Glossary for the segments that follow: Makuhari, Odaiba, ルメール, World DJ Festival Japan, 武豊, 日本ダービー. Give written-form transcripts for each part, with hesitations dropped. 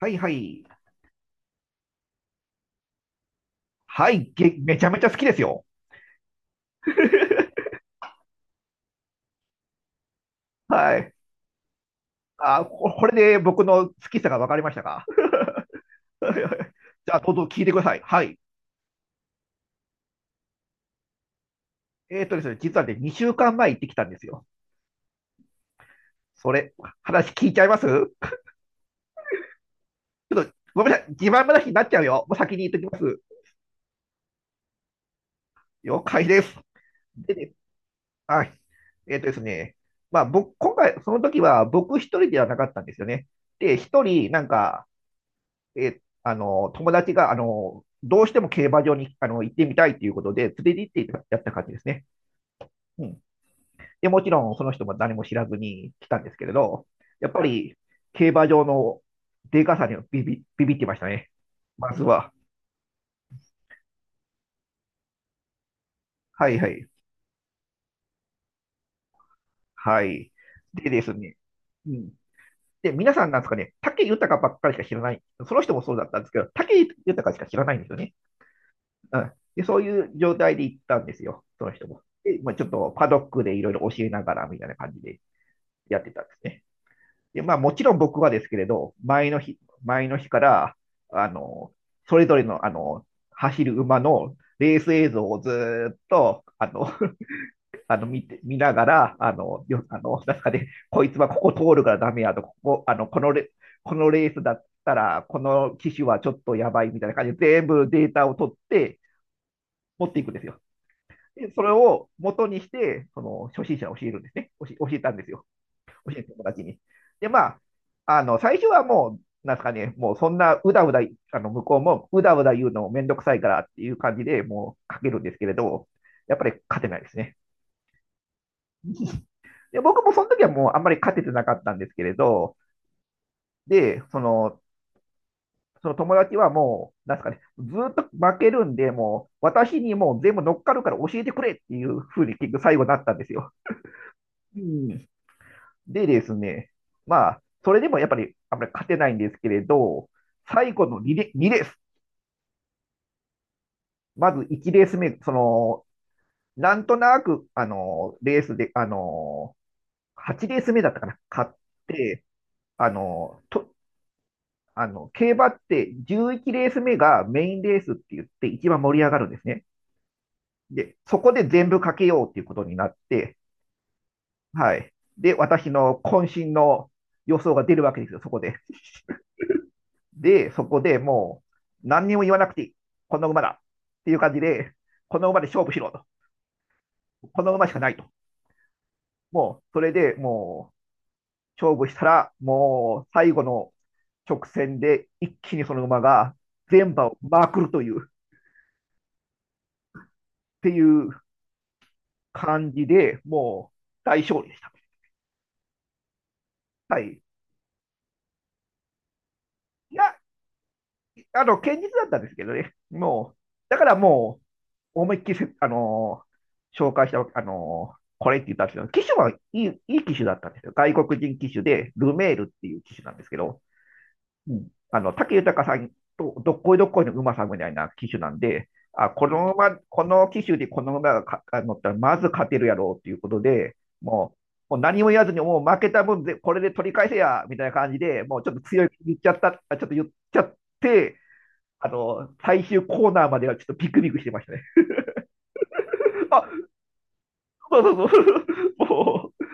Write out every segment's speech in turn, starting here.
はいはい。はい、めちゃめちゃ好きですよ。はい。あ、これで僕の好きさが分かりましたか？ じゃあ、どうぞ聞いてください。はい。えーとですね、実はね、2週間前行ってきたんですよ。それ、話聞いちゃいますちょっと、ごめんなさい。自慢話になっちゃうよ。もう先に言っときます。了解です。でね、はい。えーとですね、まあ、僕、今回、その時は僕一人ではなかったんですよね。で、一人、友達が、どうしても競馬場に行ってみたいということで、連れて行ってやった感じですね。うん。で、もちろんその人も何も知らずに来たんですけれど、やっぱり競馬場のでかさにはビビってましたね、まずは。はいはい。はい。でですね。うん。で、皆さんなんですかね、武豊ばっかりしか知らない。その人もそうだったんですけど、武豊しか知らないんですよね。うんで、そういう状態で行ったんですよ、その人も。で、まあ、ちょっとパドックでいろいろ教えながらみたいな感じでやってたんですね。で、まあもちろん僕はですけれど、前の日から、あの、それぞれの、走る馬のレース映像をずっと、見て、見ながら、あの、よ、あの中で、なんかねこいつはここ通るからダメやと、ここ、このレースだったら、この騎手はちょっとやばいみたいな感じで、全部データを取って持っていくんですよ。でそれを元にして、その初心者を教えるんですね。教えたんですよ、教えた友達に。で、まあ、最初はもう、なんですかね、もうそんなうだうだ、向こうもうだうだ言うのめんどくさいからっていう感じでもうかけるんですけれど、やっぱり勝てないですね。で、僕もその時はもうあんまり勝ててなかったんですけれど、で、その、その友達はもう、なんですかね、ずっと負けるんで、もう、私にもう全部乗っかるから教えてくれっていうふうに結局最後になったんですよ。うんでですね、まあ、それでもやっぱりあんまり勝てないんですけれど、最後の2レ、にレース、まず1レース目、その、なんとなく、あの、レースで、あの、8レース目だったかな、勝って、あの、と、あの、競馬って11レース目がメインレースって言って一番盛り上がるんですね。で、そこで全部かけようっていうことになって、はい。で、私の渾身の予想が出るわけですよ、そこで。で、そこでもう、何にも言わなくていい。この馬だ、っていう感じで、この馬で勝負しろと。この馬しかないと。もう、それでもう、勝負したら、もう、最後の直線で一気にその馬が全馬をまくるという、っていう感じで、もう、大勝利でした。はい。いや、堅実だったんですけどね。もう、だからもう、思いっきりせ、あのー紹介した、これって言ったんですけど、機種はいい機種だったんですよ。外国人機種で、ルメールっていう機種なんですけど、うん、武豊さんとどっこいどっこいの馬さんみたいな機種なんで、あ、この馬、この機種でこの馬が乗ったら、まず勝てるやろうっていうことで、もう、もう何も言わずに、もう負けた分でこれで取り返せや、みたいな感じで、もうちょっと強い言っちゃった、あちょっと言っちゃって、最終コーナーまではちょっとビクビクしてましたね。あ、そうそうそう。もう、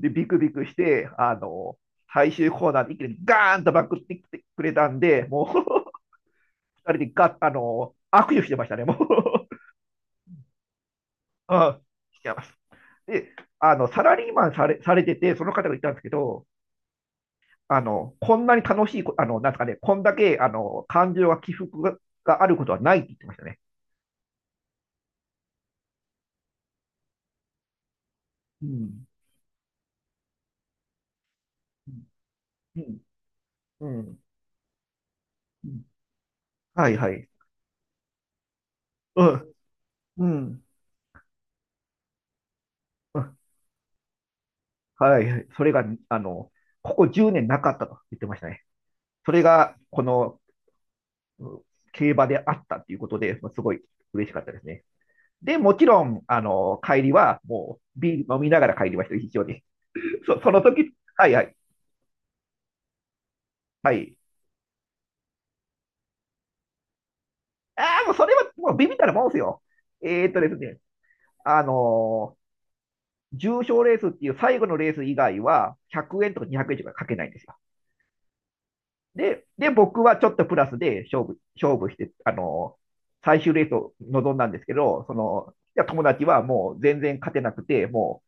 で、ビクビクして、最終コーナーで一気にガーンとバックってきてくれたんで、もう、二人でガッ、あの、握手してましたね、もう。あ、してます。で、あの、サラリーマンされ、されてて、その方が言ったんですけど、あの、こんなに楽しいこ、あの、なんですかね、こんだけ、あの、感情が起伏が、があることはないって言ってましたね。うん。うん。うん。うんはいはい。うん。うん。うんはい。それが、あの、ここ10年なかったと言ってましたね。それが、この、うん競馬であったということで、まあすごい嬉しかったですね。で、もちろん、帰りは、もう、ビール飲みながら帰りました、一緒に。その時、はいはい、はい。ああ、もうそれは、もうビビったらもんですよ。ですね、あのー重賞レースっていう最後のレース以外は、100円とか200円とかかけないんですよ。で、僕はちょっとプラスで勝負して、最終レースを臨んだんですけど、その、いや友達はもう全然勝てなくて、も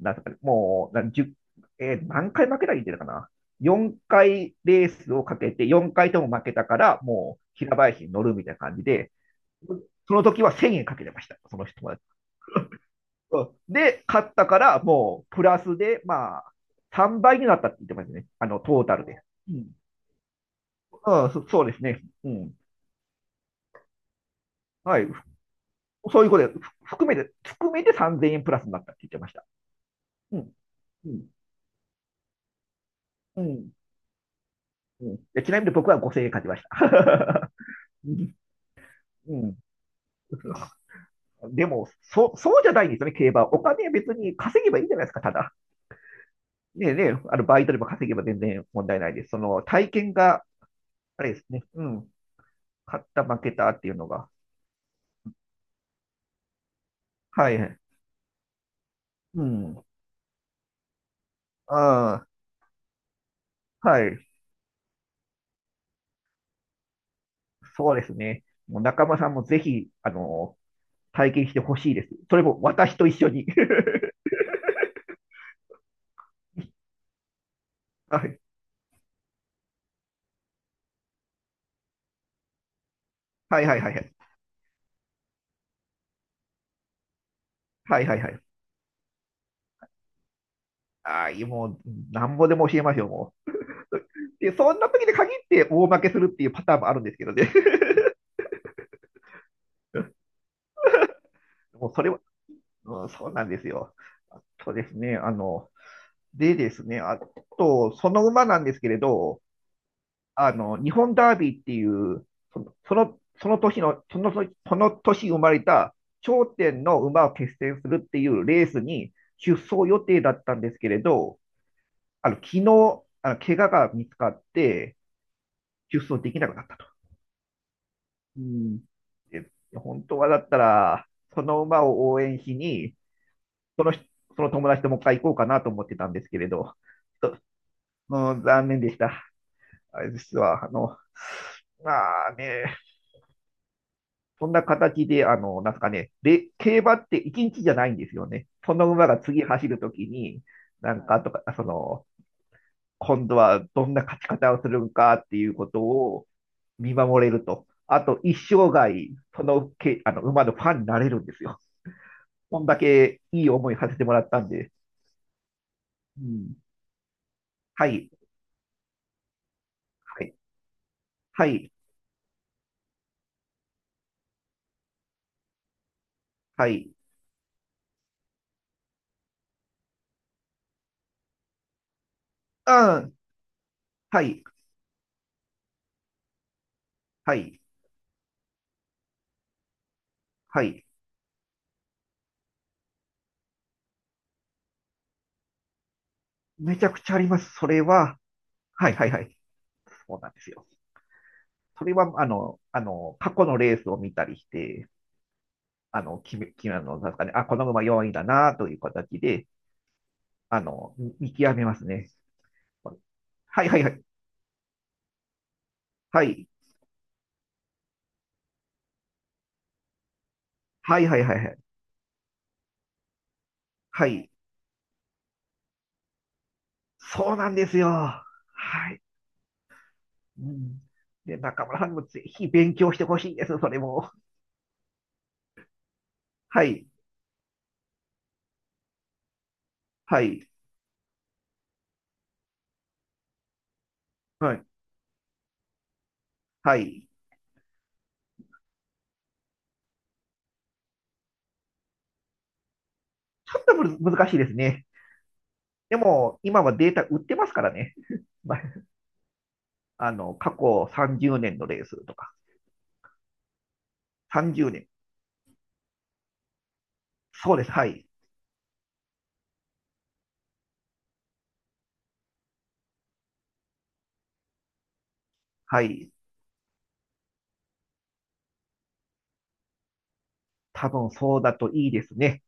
う、なんすかね、もう、なんじゅうえー何回負けたら言ってたかな。4回レースをかけて、4回とも負けたから、もう平林に乗るみたいな感じで、その時は1000円かけてました、その人は。で、勝ったから、もうプラスで、まあ、3倍になったって言ってましたね、あの、トータルで。うんうん、そうですね。うん。はい。そういうことで、ふ含めて、含めて3000円プラスになったって言ってました。うん。うん。うん。うんでちなみに僕は5000円勝ちました。うんうんでも、そうじゃないんですよね、競馬は。お金別に稼げばいいじゃないですか、ただ。ねえねえ、バイトでも稼げば全然問題ないです。その、体験が、あれですね、うん、勝った、負けたっていうのが。はい。うん。ああ、はい。そうですね。もう中間さんもぜひ、体験してほしいです。それも私と一緒に。 はい。はいはいはいはい。はいはいはい。ああ、いいもう、なんぼでも教えますよ、もう。で、そんな時に限って大負けするっていうパターンもあるんですけどね。もうそれは、うん、そうなんですよ。そうですね。あと、その馬なんですけれど、日本ダービーっていう、その年の、その年生まれた頂点の馬を決戦するっていうレースに出走予定だったんですけれど、あの、昨日、怪我が見つかって、出走できなくなったと。うんで本当はだったら、その馬を応援しに、その人その友達ともう一回行こうかなと思ってたんですけれど、ちょっとうん残念でした。あれ実は、まあね、そんな形で、なんすかね、で競馬って1日じゃないんですよね。その馬が次走るときに、なんかとか、その、今度はどんな勝ち方をするのかっていうことを見守れると。あと、一生涯、そのけ、あの、馬のファンになれるんですよ、こんだけいい思いさせてもらったんで。うん。はい、はい、はい、はい。うん、はい、はい、はい。めちゃくちゃあります。それは、はい、はい、はい、そうなんですよ。それは、過去のレースを見たりして、あの、決め、決め、あの、なんですかね、あ、この馬4位だな、という形で、あの、見極めますね。はいはいはい。はい。はいはいはいはい。はい。そうなんですよ。はい。うん。で、中村さんにもぜひ勉強してほしいです、それも。はい。はい。はい。はい。ちょっとむず難しいですね。でも、今はデータ売ってますからね。まあの、過去30年のレースとか。30年。そうです。はい。はい。多分そうだといいですね。